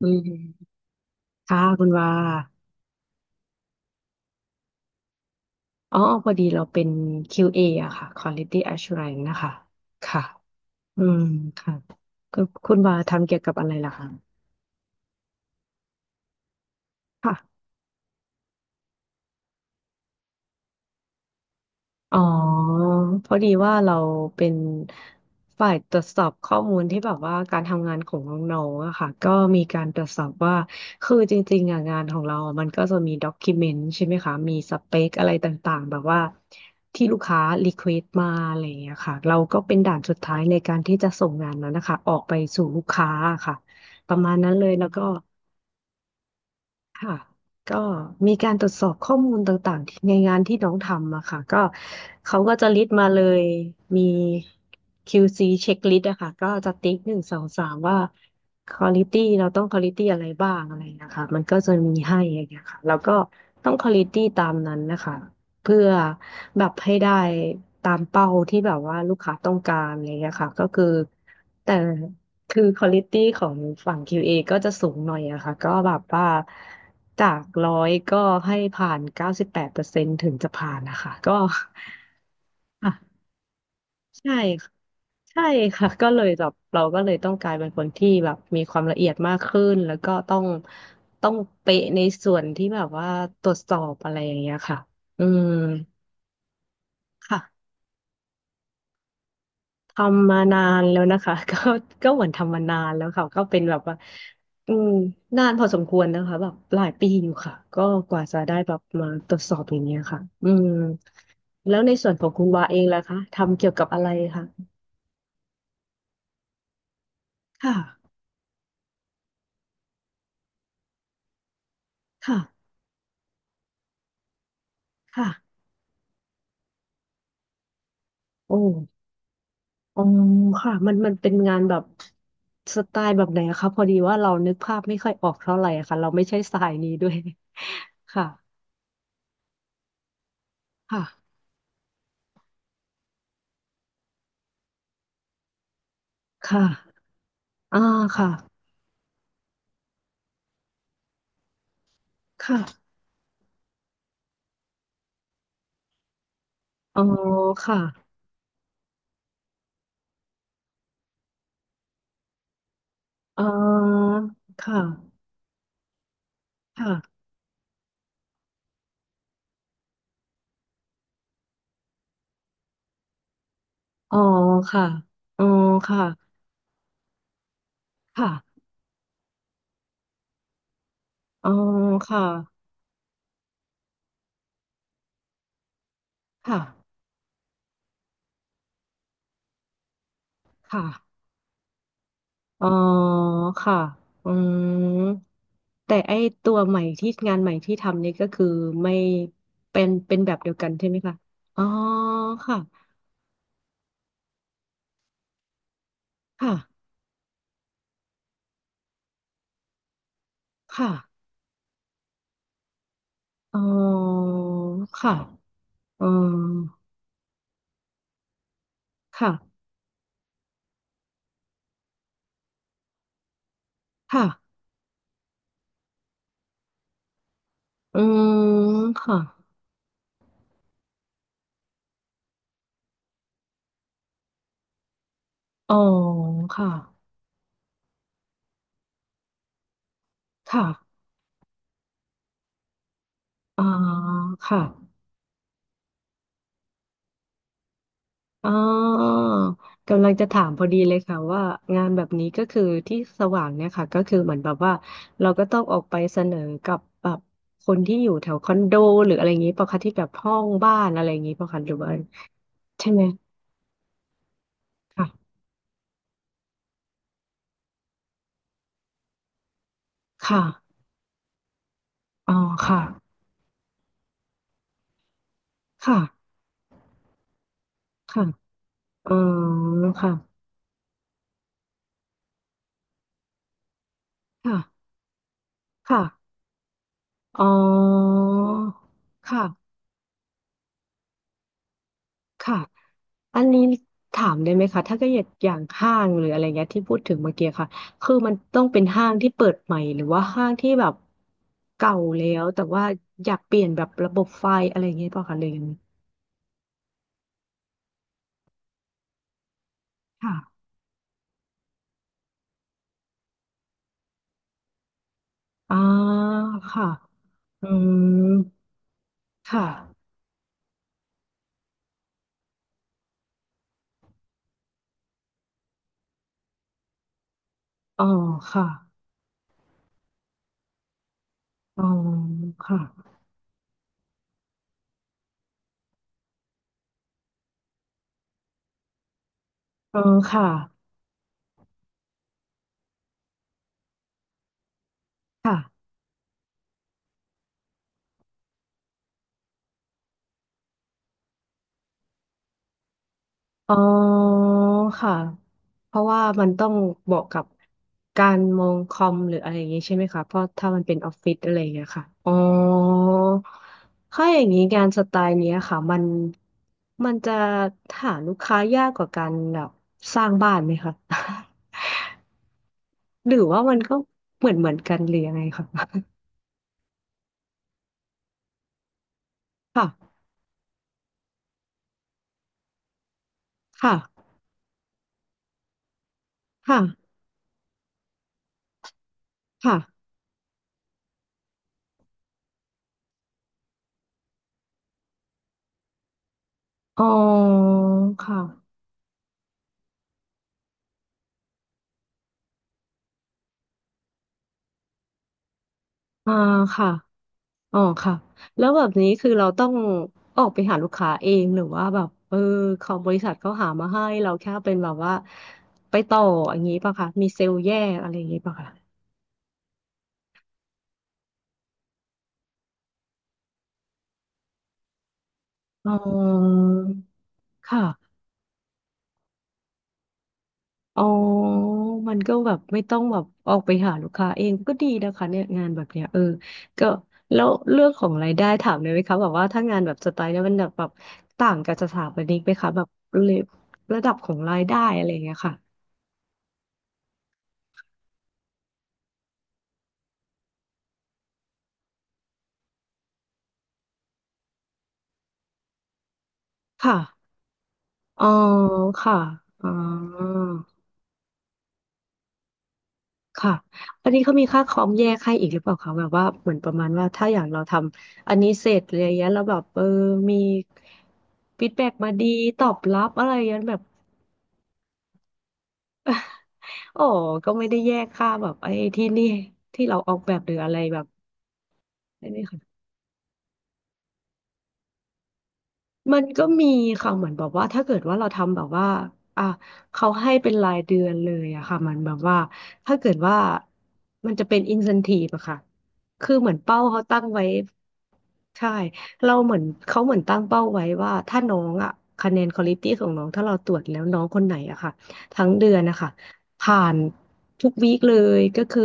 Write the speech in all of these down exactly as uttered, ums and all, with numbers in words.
อืมค่ะคุณว่า อ๋อพอดีเราเป็น คิว เอ ออะค่ะ Quality Assurance นะคะ ค่ะอืมค่ะก็คุณว่าทำเกี่ยวกับอะไรล่ะคะค่ะ อ๋อเพราะดีว่าเราเป็นฝ่ายตรวจสอบข้อมูลที่แบบว่าการทำงานของน้องๆอะค่ะก็มีการตรวจสอบว่าคือจริงๆอะงานของเราอะมันก็จะมีด็อกิเมนต์ใช่ไหมคะมีสเปคอะไรต่างๆแบบว่าที่ลูกค้ารีเควสมาอะไรอย่างเงี้ยค่ะเราก็เป็นด่านสุดท้ายในการที่จะส่งงานนั้นนะคะออกไปสู่ลูกค้าอะค่ะประมาณนั้นเลยแล้วก็ ค่ะก็มีการตรวจสอบข้อมูลต่างๆที่ในงานที่น้องทำอะค่ะก็เขาก็จะลิสต์มาเลยมี คิว ซี เช็คลิสต์อะค่ะก็จะติ๊กหนึ่งสองสามว่าควอลิตี้เราต้องควอลิตี้อะไรบ้างอะไรนะคะมันก็จะมีให้อย่างเงี้ยค่ะแล้วก็ต้องควอลิตี้ตามนั้นนะคะเพื่อแบบให้ได้ตามเป้าที่แบบว่าลูกค้าต้องการอะไรอย่างเงี้ยค่ะก็คือแต่ คือควอลิตี้ของฝั่ง คิว เอ ก็จะสูงหน่อยอะค่ะก็แบบว่าจากร้อยก็ให้ผ่านเก้าสิบแปดเปอร์เซ็นต์ถึงจะผ่านนะคะ ก็อ่ะใช่ค่ะใช่ค่ะก็เลยแบบเราก็เลยต้องกลายเป็นคนที่แบบมีความละเอียดมากขึ้น แล้วก็ต้องต้องเป๊ะในส่วนที่แบบว่าตรวจสอบอะไรอย่างเงี้ยค่ะอืมค่ะ ทำมานานแล้วนะคะ ก็ก็เหมือนทำมานานแล้วค่ะก็เป็นแบบว่าอืมนานพอสมควรนะคะแบบหลายปีอยู่ค่ะก็กว่าจะได้แบบมาตรวจสอบอย่างเงี้ยค่ะอืมแล้วในส่วนของคุณวาเองล่ะคะทำเกี่ยวกับอะไรคะค่ะค่ะค่ะโอ้อ๋อค่ะมันมันเป็นงานแบบสไตล์แบบไหนอะคะพอดีว่าเรานึกภาพไม่ค่อยออกเท่าไหร่อะค่ะเราไม่ใช่สายนี้ด้วย ค่ะค่ะค่ะอ่าค่ะค่ะอ๋อค่ะ อ๋อค่ะค่ะอ๋อค่ะอ๋อค่ะค่ะอ๋อค่ะค่ะค่ะอ๋อค่ะอืมแต่ไอตัวใหม่ที่งานใหม่ที่ทำนี่ก็คือไม่เป็นเป็นแบบเดียวกันใช่ไหมคะอ๋อค่ะค่ะค่ะอ๋อค่ะอืมค่ะค่ะอืมค่ะอ๋อค่ะค่ะอ๋อค่ะ อ๋อกำลังจะถามพอดีเลยค่ะว่างานแบบนี้ก็คือที่สว่างเนี่ยค่ะก็คือเหมือนแบบว่าเราก็ต้องออกไปเสนอกับแบบคนที่อยู่แถวคอนโดหรืออะไรอย่างนี้ปะคะที่แบบห้องบ้านอะไรอย่างนี้ปะคะหรือว่าใช่ไหมค่ะค่ะอ๋อค่ะค่ะค่ะอ๋อค่ะค่ะค่ะอ๋อค่ะค่ะ อันนี้ถามได้ไหมคะถ้าเก็อยากอย่างห้างหรืออะไรเงี้ยที่พูดถึงเมื่อกี้ค่ะคือมันต้องเป็นห้างที่เปิดใหม่หรือว่าห้างที่แบบเก่าแล้วแต่ว่าอยากเปลี่ยนแบบระบบไฟอะไรเงี้ยเปล่าคะเลยงไงค่ะอ่าค่ะอืมค่ะอ๋อค่ะอ๋อค่ะอ๋อค่ะค่ะ อ๋อค่ะเพราะว่ามันต้องเหมาะกับการมองคอมหรืออะไรอย่างงี้ใช่ไหมคะเพราะถ้ามันเป็นออฟฟิศอะไรอย่างเงี้ยค่ะอ๋อถ้าอย่างนี้งานสไตล์เนี้ยค่ะมันมันจะหาลูกค้ายากกว่าการแบบสร้างบ้านไหมคะ หรือว่ามันก็เหมือนเหมือนกันหรือยังไงคะ ค่ะค่ะค่ะค่ะอ๋อค่ะอ่าค่ะ อ๋อค่ะแล้วแบบนี้คือเราต้องออกไปหาลูกค้าเองหรือว่าแบบเออเขาบริษัทเขาหามาให้เราแค่เป็นแบบว่าไปต่ออย่างนี้ป่ะคะมีเซลล์แยกอะไรอย่างนี้ป่ะคะอ๋อค่ะอ๋อมันก็แบบไม่ต้องแบบออกไปหาลูกค้าเองก็ดีนะคะเนี่ยงานแบบเนี้ยเออก็แล้วเรื่องของรายได้ถามเลยไหมคะแบบว่าถ้างานแบบสไตล์เนี้ยมันแบบแบบต่างกับสถาปนิกไหมคะแบบระดับของรายได้อะไรอย่างเงี้ยค่ะค่ะ อ๋อค่ะ อ๋อค่ะ อันนี้เขามีค่าคอมแยกให้อีกหรือเปล่าคะแบบว่าเหมือนประมาณว่าถ้าอย่างเราทำอันนี้เสร็จอะไรอย่างเงี้ยแล้วแบบเออมีฟีดแบ็กมาดีตอบรับอะไรอย่างเงี้ยแบบอ๋อก็ไม่ได้แยกค่าแบบไอ้ที่นี่ที่เราออกแบบหรืออะไรแบบได้ไหมคะ มันก็มีค่ะเหมือนแบบว่าถ้าเกิดว่าเราทำแบบว่าอ่ะเขาให้เป็นรายเดือนเลยอะค่ะมันแบบว่าถ้าเกิดว่ามันจะเป็นอินเซนทีฟอะค่ะคือเหมือนเป้าเขาตั้งไว้ใช่เราเหมือนเขาเหมือนตั้งเป้าไว้ว่าถ้าน้องอะคะแนนควอลิตี้ของน้องถ้าเราตรวจแล้วน้องคนไหนอะค่ะทั้งเดือนนะคะผ่านทุกวีคเลยก็คือ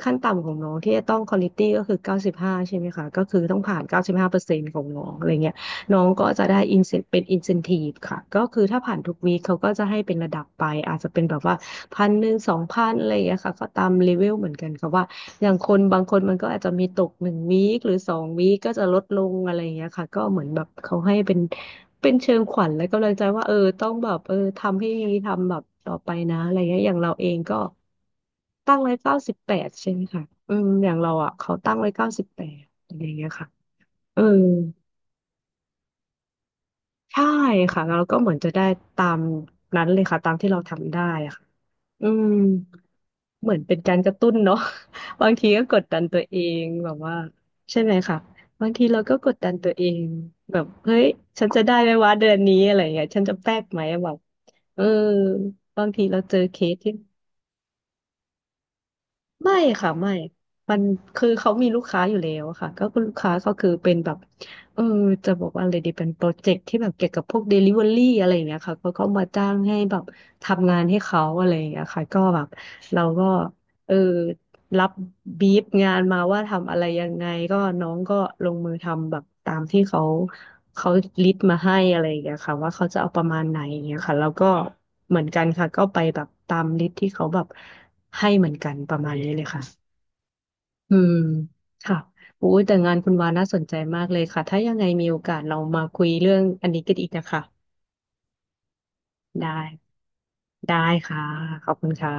ขั้นต่ำของน้องที่จะต้องควอลิตี้ก็คือเก้าสิบห้าใช่ไหมคะก็คือต้องผ่านเก้าสิบห้าเปอร์เซ็นต์ของน้องอะไรเงี้ย น้องก็จะได้อินเซนเป็นอินเซนทีฟค่ะก็คือถ้าผ่านทุกวีคเขาก็จะให้เป็นระดับไปอาจจะเป็นแบบว่าพันหนึ่งสองพันอะไรอย่างเงี้ยค่ะก็ตามเลเวลเหมือนกันค่ะว่าอย่างคนบางคนมันก็อาจจะมีตกหนึ่งวีคหรือสองวีคก็จะลดลงอะไรอย่างเงี้ยค่ะก็เหมือนแบบเขาให้เป็นเป็นเชิงขวัญและกำลังใจว่าเออต้องแบบเออทำให้ดีทำแบบต่อไปนะอะไรเงี้ยอย่างเราเองก็ตั้งไว้เก้าสิบแปดใช่ไหมคะอืมอย่างเราอ่ะเขาตั้งไว้เก้าสิบแปดอะไรอย่างเงี้ยค่ะเออ ใช่ค่ะแล้วก็เหมือนจะได้ตามนั้นเลยค่ะตามที่เราทำได้ค่ะอืมเหมือนเป็นการกระตุ้นเนาะ บางทีก็กดดันตัวเองแบบว่าใช่ไหมคะบางทีเราก็กดดันตัวเองแบบเฮ้ยฉันจะได้ไหมวะเดือนนี้อะไรอย่างเงี้ยฉันจะแป๊กไหมแบบเออบางทีเราเจอเคสที่ ไม่ค่ะไม่มันคือเขามีลูกค้าอยู่แล้วค่ะก็คือลูกค้าก็คือเป็นแบบเออจะบอกว่าอะไรดีเป็นโปรเจกต์ที่แบบเกี่ยวกับพวกเดลิเวอรี่อะไรอย่างเงี้ยค่ะเขาก็มาจ้างให้แบบทำงานให้เขาอะไรอย่างเงี้ยค่ะก็แบบเราก็เออ รับบีฟงานมาว่าทำอะไรยังไงก็น้องก็ลงมือทำแบบตามที่เขาเขาลิสต์มาให้อะไรอย่างเงี้ยค่ะว่าเขาจะเอาประมาณไหนอย่างเงี้ยค่ะแล้วก็เหมือนกันค่ะก็ไปแบบตามลิสต์ที่เขาแบบให้เหมือนกันประมาณนี้เลยค่ะอืมค่ะโุ้ยแต่งานคุณวาน่าสนใจมากเลยค่ะถ้ายังไงมีโอกาสเรามาคุยเรื่องอันนี้กันอีกนะคะได้ได้ค่ะขอบคุณค่ะ